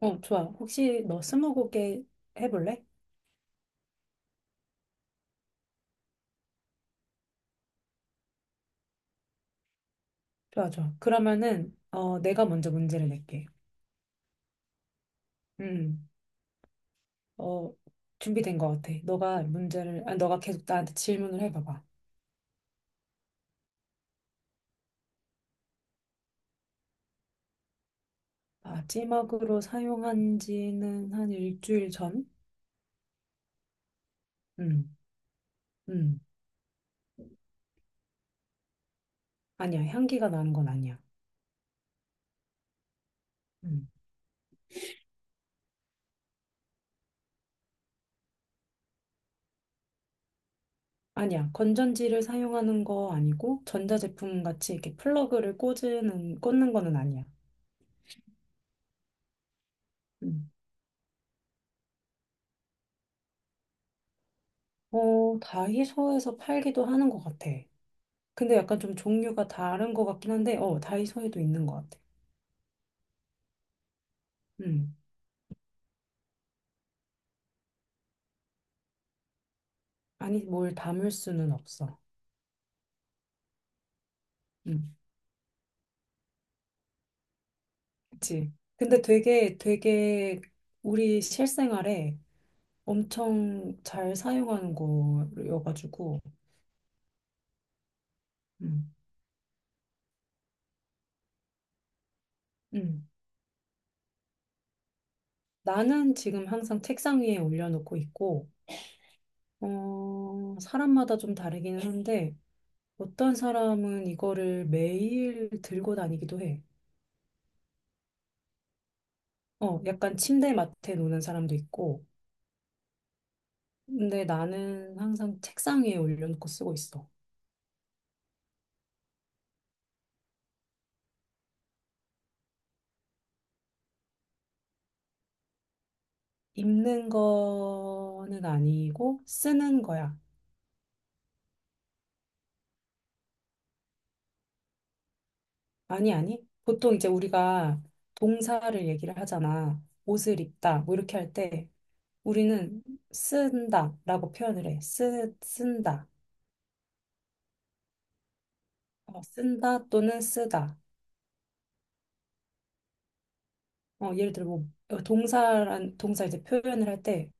어, 좋아. 혹시 너 스무고개 해볼래? 좋아, 좋아. 그러면은, 내가 먼저 문제를 낼게. 음, 어, 준비된 것 같아. 너가 계속 나한테 질문을 해봐봐. 마지막으로 사용한 지는 한 일주일 전? 음, 음. 아니야. 향기가 나는 건 아니야. 음. 아니야. 건전지를 사용하는 거 아니고, 전자제품 같이 이렇게 플러그를 꽂는 거는 아니야. 음. 어, 다이소에서 팔기도 하는 것 같아. 근데 약간 좀 종류가 다른 것 같긴 한데, 다이소에도 있는 것 같아. 음. 아니, 뭘 담을 수는 없어. 음. 그치. 근데 되게, 되게 우리 실생활에 엄청 잘 사용하는 거여가지고, 음. 음. 나는 지금 항상 책상 위에 올려놓고 있고, 사람마다 좀 다르기는 한데, 어떤 사람은 이거를 매일 들고 다니기도 해. 약간 침대 맡에 놓는 사람도 있고, 근데 나는 항상 책상 위에 올려놓고 쓰고 있어. 입는 거는 아니고 쓰는 거야. 아니, 아니. 보통 이제 우리가 동사를 얘기를 하잖아. 옷을 입다, 뭐 이렇게 할 때 우리는 쓴다 라고 표현을 해. 쓴다. 쓴다 또는 쓰다. 예를 들어 뭐 동사 이제 표현을 할때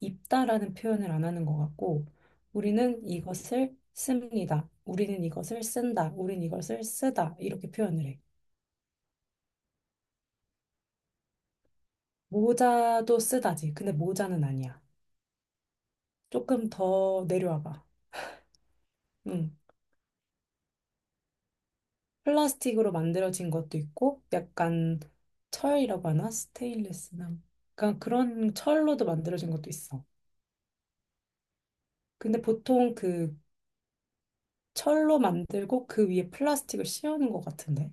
입다라는 표현을 안 하는 것 같고, 우리는 이것을 씁니다. 우리는 이것을 쓴다. 우리는 이것을 쓰다. 이렇게 표현을 해. 모자도 쓰다지. 근데 모자는 아니야. 조금 더 내려와봐. 응. 플라스틱으로 만들어진 것도 있고, 약간 철이라고 하나? 스테인리스나. 약간 그런 철로도 만들어진 것도 있어. 근데 보통 그 철로 만들고 그 위에 플라스틱을 씌우는 것 같은데.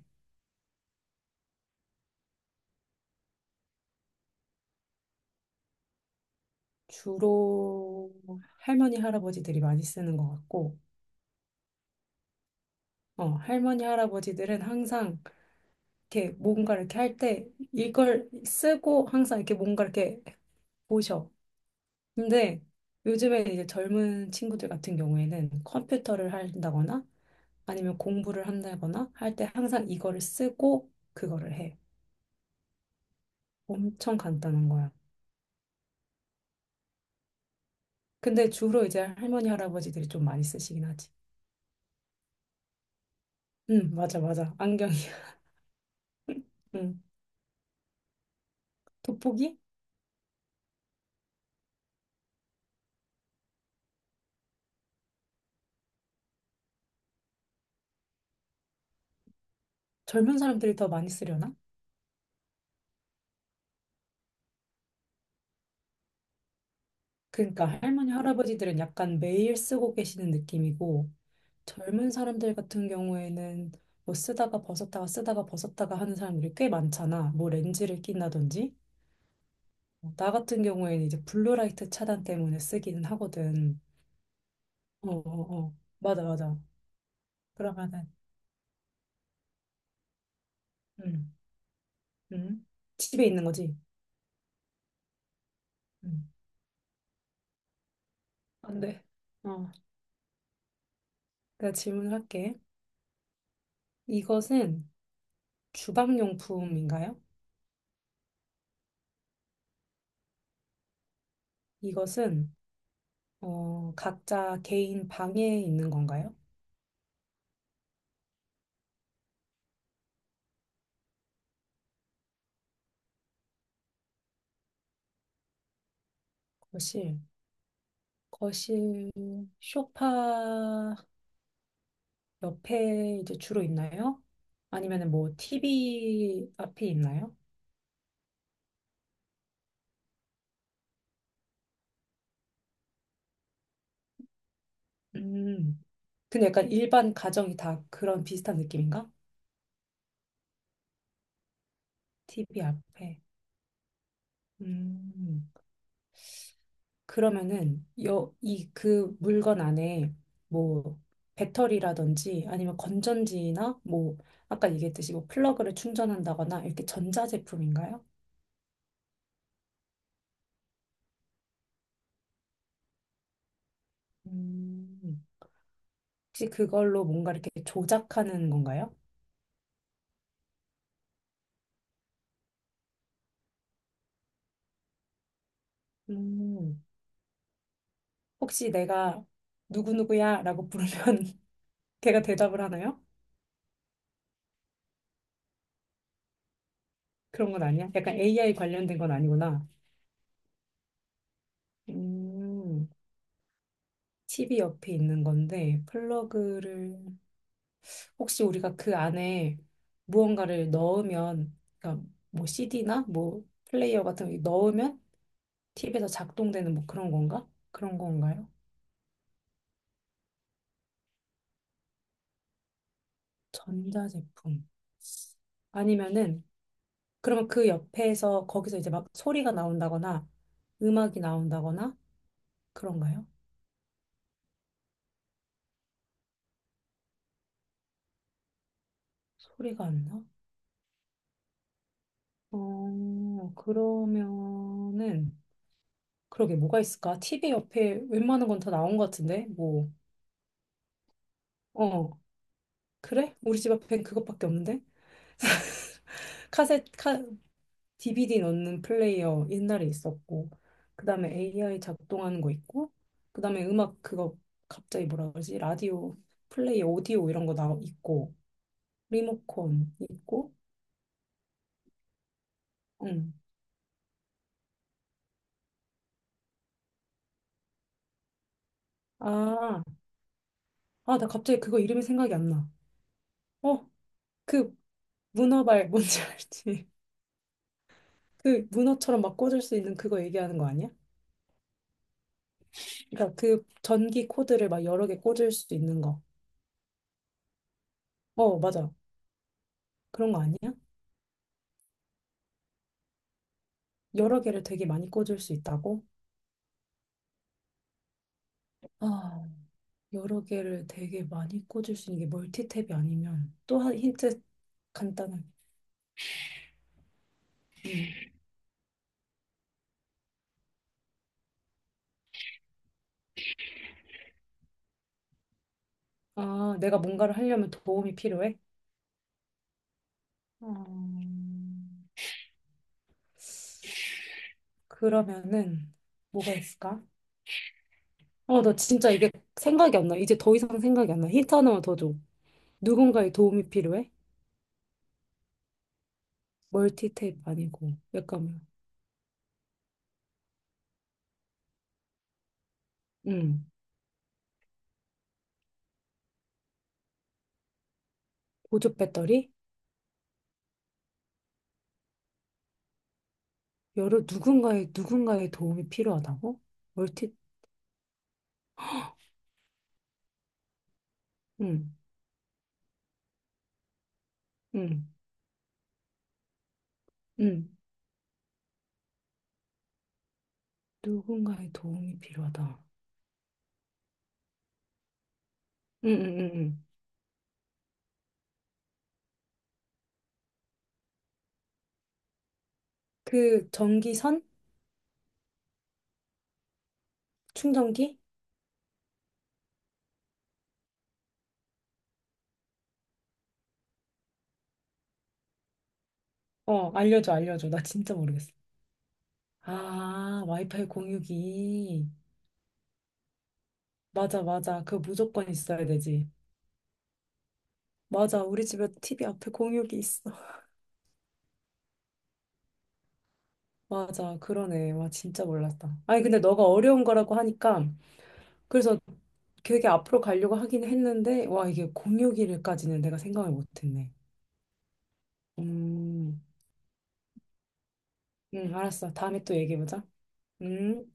주로 할머니 할아버지들이 많이 쓰는 것 같고, 할머니 할아버지들은 항상 이렇게 뭔가 이렇게 할 때 이걸 쓰고 항상 이렇게 뭔가 이렇게 보셔. 근데 요즘에 이제 젊은 친구들 같은 경우에는 컴퓨터를 한다거나 아니면 공부를 한다거나 할 때 항상 이거를 쓰고 그거를 해. 엄청 간단한 거야. 근데 주로 이제 할머니 할아버지들이 좀 많이 쓰시긴 하지. 응, 맞아 맞아. 안경이야. 응. 돋보기? 젊은 사람들이 더 많이 쓰려나? 그러니까 할머니, 할아버지들은 약간 매일 쓰고 계시는 느낌이고, 젊은 사람들 같은 경우에는 뭐 쓰다가 벗었다가 쓰다가 벗었다가 하는 사람들이 꽤 많잖아. 뭐 렌즈를 낀다든지. 나 같은 경우에는 이제 블루라이트 차단 때문에 쓰기는 하거든. 어, 어, 어. 맞아, 맞아. 그러면은 음, 음. 집에 있는 거지. 음. 안 돼. 어. 내가 질문을 할게. 이것은 주방용품인가요? 이것은 각자 개인 방에 있는 건가요? 거실. 거실, 소파 옆에 이제 주로 있나요? 아니면 뭐 TV 앞에 있나요? 음, 근데 약간 일반 가정이 다 그런 비슷한 느낌인가? TV 앞에. 음, 그러면은 이 그 물건 안에 뭐 배터리라든지 아니면 건전지나 뭐 아까 얘기했듯이 뭐 플러그를 충전한다거나 이렇게 전자제품인가요? 음. 혹시 그걸로 뭔가 이렇게 조작하는 건가요? 음. 혹시 내가 누구누구야 라고 부르면 걔가 대답을 하나요? 그런 건 아니야? 약간 AI 관련된 건 아니구나. 음. TV 옆에 있는 건데 플러그를 혹시 우리가 그 안에 무언가를 넣으면 그러니까 뭐 CD나 뭐 플레이어 같은 거 넣으면 TV에서 작동되는 뭐 그런 건가? 그런 건가요? 전자제품. 아니면은 그러면 그 옆에서 거기서 이제 막 소리가 나온다거나 음악이 나온다거나 그런가요? 소리가 안 나? 그러면은 그러게 뭐가 있을까? 티비 옆에 웬만한 건 다 나온 것 같은데 뭐 어, 그래? 우리 집 앞엔 그것밖에 없는데? 카세 카 DVD 넣는 플레이어 옛날에 있었고 그다음에 AI 작동하는 거 있고 그다음에 음악 그거 갑자기 뭐라 그러지? 라디오 플레이 오디오 이런 거 나 있고 리모컨 있고, 응. 아, 아, 나 갑자기 그거 이름이 생각이 안 나. 어, 그 문어발 뭔지 알지? 그 문어처럼 막 꽂을 수 있는 그거 얘기하는 거 아니야? 그러니까 그 전기 코드를 막 여러 개 꽂을 수 있는 거. 어, 맞아. 그런 거 아니야? 여러 개를 되게 많이 꽂을 수 있다고? 아, 여러 개를 되게 많이 꽂을 수 있는 게 멀티탭이 아니면 또 한 힌트 간단하게. 음. 아, 내가 뭔가를 하려면 도움이 필요해? 음. 그러면은 뭐가 있을까? 나 진짜 이게 생각이 안 나. 이제 더 이상 생각이 안 나. 힌트 하나만 더 줘. 누군가의 도움이 필요해? 멀티테이프 아니고 약간 음, 보조 배터리? 여러 누군가의 도움이 필요하다고? 멀티 음음음 누군가의 도움이 필요하다. 음음음음 그 전기선? 충전기? 어, 알려줘 알려줘. 나 진짜 모르겠어. 아, 와이파이 공유기. 맞아 맞아. 그거 무조건 있어야 되지. 맞아, 우리 집에 TV 앞에 공육이 있어. 맞아, 그러네. 와, 진짜 몰랐다. 아니, 근데 너가 어려운 거라고 하니까, 그래서 되게 앞으로 가려고 하긴 했는데, 와, 이게 공육일까지는 내가 생각을 못 했네. 음, 알았어. 다음에 또 얘기해보자. 음.